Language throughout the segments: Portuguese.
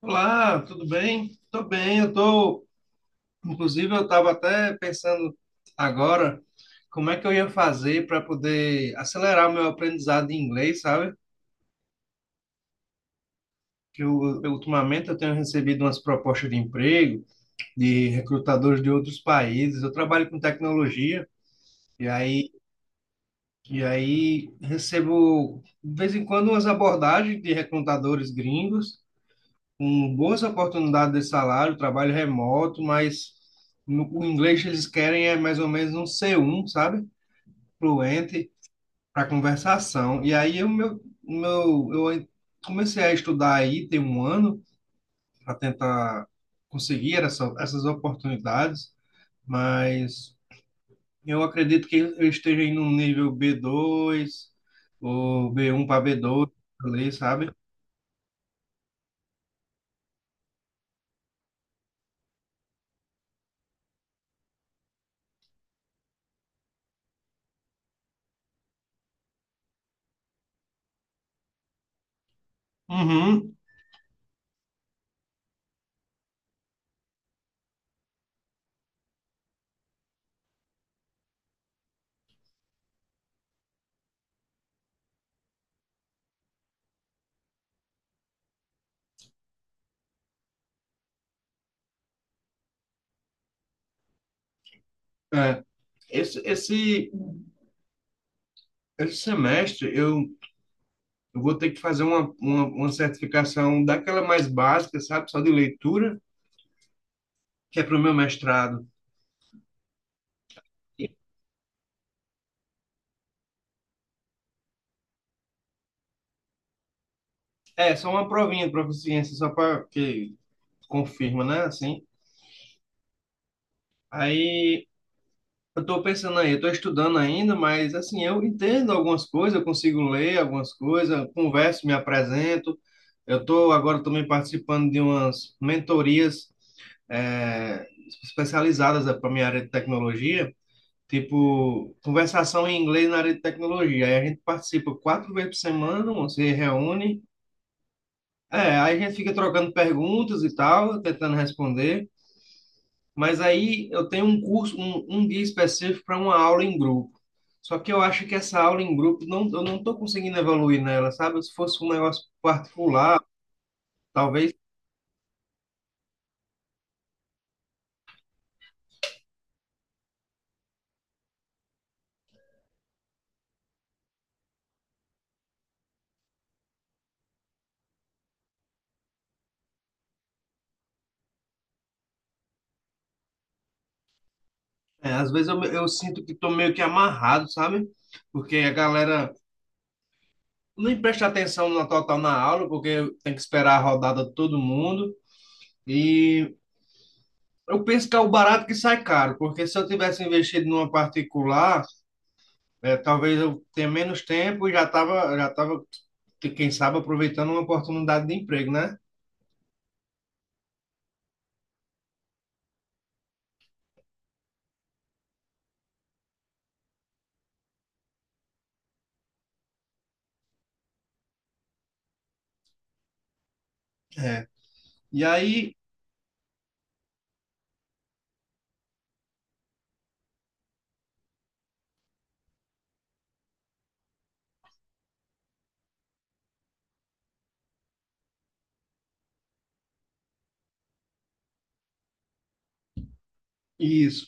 Olá, tudo bem? Tô bem, inclusive eu estava até pensando agora como é que eu ia fazer para poder acelerar o meu aprendizado em inglês, sabe? Que ultimamente eu tenho recebido umas propostas de emprego de recrutadores de outros países. Eu trabalho com tecnologia e aí e aí recebo de vez em quando umas abordagens de recrutadores gringos com boas oportunidades de salário, trabalho remoto, mas no, o inglês que eles querem é mais ou menos um C1, sabe? Fluente para conversação. E aí o meu, eu comecei a estudar aí tem um ano para tentar conseguir essas oportunidades, mas eu acredito que eu esteja em um nível b dois ou b um para b dois, ali, sabe? Uhum. É. Esse, esse, esse semestre eu vou ter que fazer uma certificação daquela mais básica, sabe? Só de leitura, que é para o meu mestrado. E- É, só uma provinha de proficiência, só para que confirma, né? Assim, aí eu estou pensando, aí eu estou estudando ainda, mas assim, eu entendo algumas coisas, eu consigo ler algumas coisas, eu converso, me apresento. Eu estou agora também participando de umas mentorias eh, especializadas para minha área de tecnologia. Tipo, conversação em inglês na área de tecnologia. Aí a gente participa quatro vezes por semana, você reúne. É, aí a gente fica trocando perguntas e tal, tentando responder. Mas aí eu tenho um curso, um dia específico para uma aula em grupo. Só que eu acho que essa aula em grupo, não, eu não estou conseguindo evoluir nela, sabe? Se fosse um negócio particular, talvez. É, às vezes eu sinto que estou meio que amarrado, sabe? Porque a galera nem presta atenção na total na aula, porque tem que esperar a rodada de todo mundo. E eu penso que é o barato que sai caro, porque se eu tivesse investido numa particular, talvez eu tenha menos tempo e já tava, quem sabe, aproveitando uma oportunidade de emprego, né? É. E aí, isso.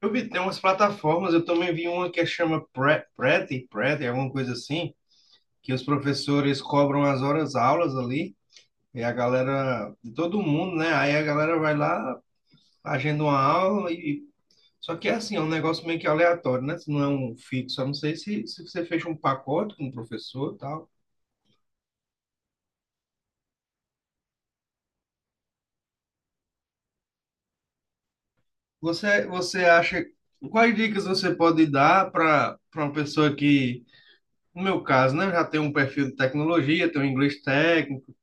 Eu vi, tem umas plataformas, eu também vi uma que chama Preti, alguma coisa assim, que os professores cobram as horas aulas ali, e a galera, de todo mundo, né? Aí a galera vai lá, agenda uma aula. E. Só que é assim, é um negócio meio que aleatório, né? Se não é um fixo. Eu não sei se você fecha um pacote com o professor e tal. Você acha. Quais dicas você pode dar para uma pessoa que, no meu caso, né, já tem um perfil de tecnologia, tem um inglês técnico,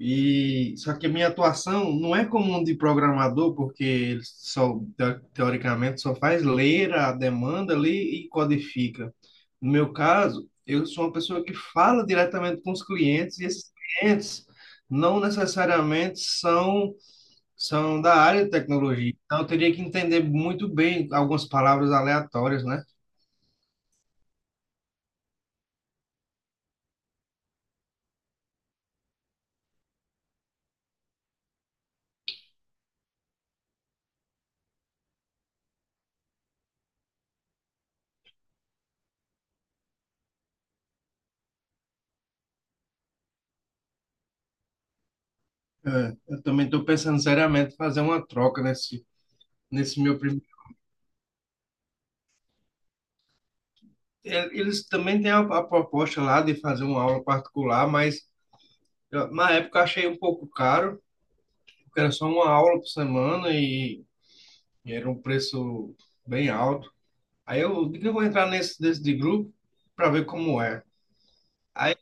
e só que a minha atuação não é como um de programador, porque ele só teoricamente só faz ler a demanda ali e codifica. No meu caso, eu sou uma pessoa que fala diretamente com os clientes e esses clientes não necessariamente são da área de tecnologia. Então eu teria que entender muito bem algumas palavras aleatórias, né? É, eu também estou pensando seriamente em fazer uma troca nesse meu primeiro eles também têm a proposta lá de fazer uma aula particular, mas na época eu achei um pouco caro, porque era só uma aula por semana e era um preço bem alto. Aí eu digo que eu vou entrar nesse desse de grupo para ver como é. Aí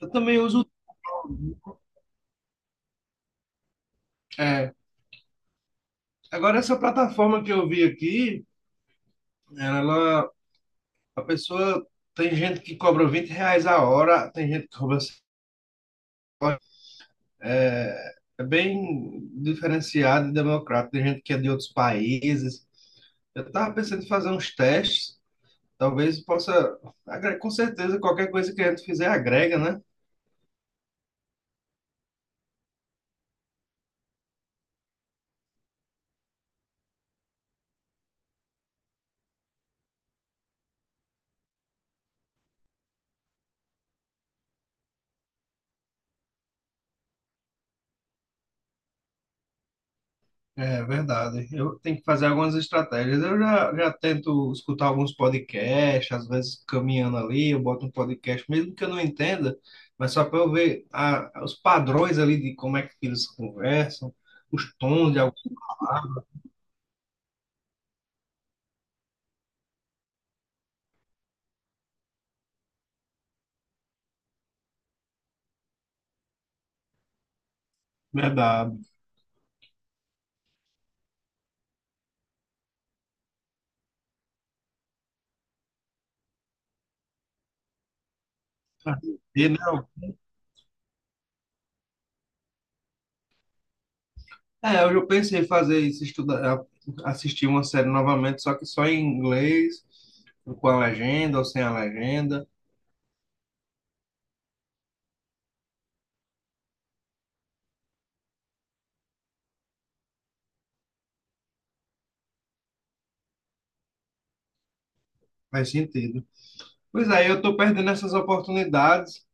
eu também uso, é, agora essa plataforma que eu vi aqui, ela, a pessoa, tem gente que cobra R$ 20 a hora, tem gente que cobra. É, é bem diferenciado e democrático. Tem gente que é de outros países. Eu estava pensando em fazer uns testes. Talvez possa. Com certeza, qualquer coisa que a gente fizer agrega, né? É verdade. Eu tenho que fazer algumas estratégias. Já tento escutar alguns podcasts, às vezes caminhando ali, eu boto um podcast, mesmo que eu não entenda, mas só para eu ver os padrões ali de como é que eles conversam, os tons de alguns. É verdade. E, né, é, eu já pensei em fazer isso, estudar, é, assistir uma série novamente, só que só em inglês, com a legenda ou sem a legenda, faz sentido. Pois aí eu tô perdendo essas oportunidades,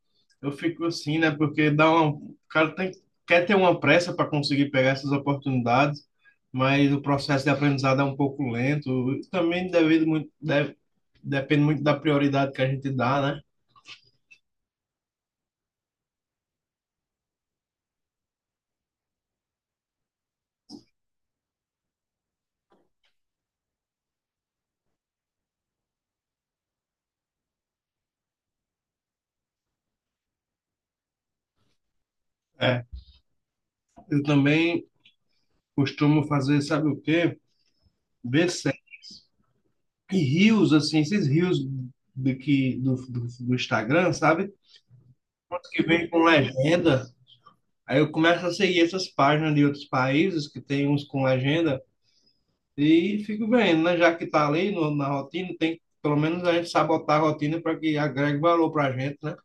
eu fico assim, né? Porque dá uma, o cara tem, quer ter uma pressa para conseguir pegar essas oportunidades, mas o processo de aprendizado é um pouco lento, e também devido muito, depende muito da prioridade que a gente dá, né? É, eu também costumo fazer, sabe o quê? Ver e rios, assim, esses rios do Instagram, sabe? Uns que vem com legenda. Aí eu começo a seguir essas páginas de outros países que tem uns com legenda e fico vendo, né? Já que tá ali no, na rotina, tem pelo menos a gente sabotar a rotina para que agregue valor para a gente, né?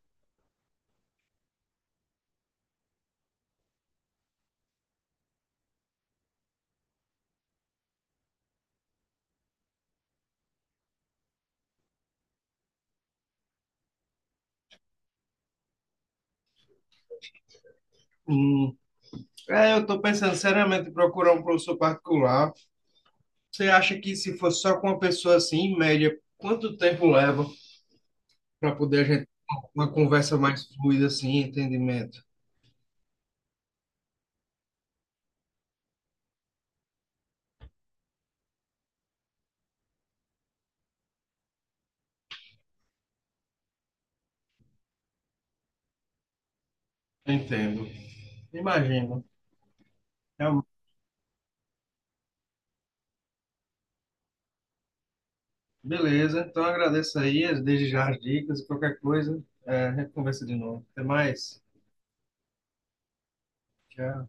Hum. É, eu estou pensando seriamente em procurar um professor particular. Você acha que se fosse só com uma pessoa assim, em média, quanto tempo leva para poder a gente ter uma conversa mais fluida assim, entendimento? Entendo. Imagino. Então, beleza. Então agradeço aí desde já as dicas e qualquer coisa, é, a gente conversa de novo. Até mais. Tchau.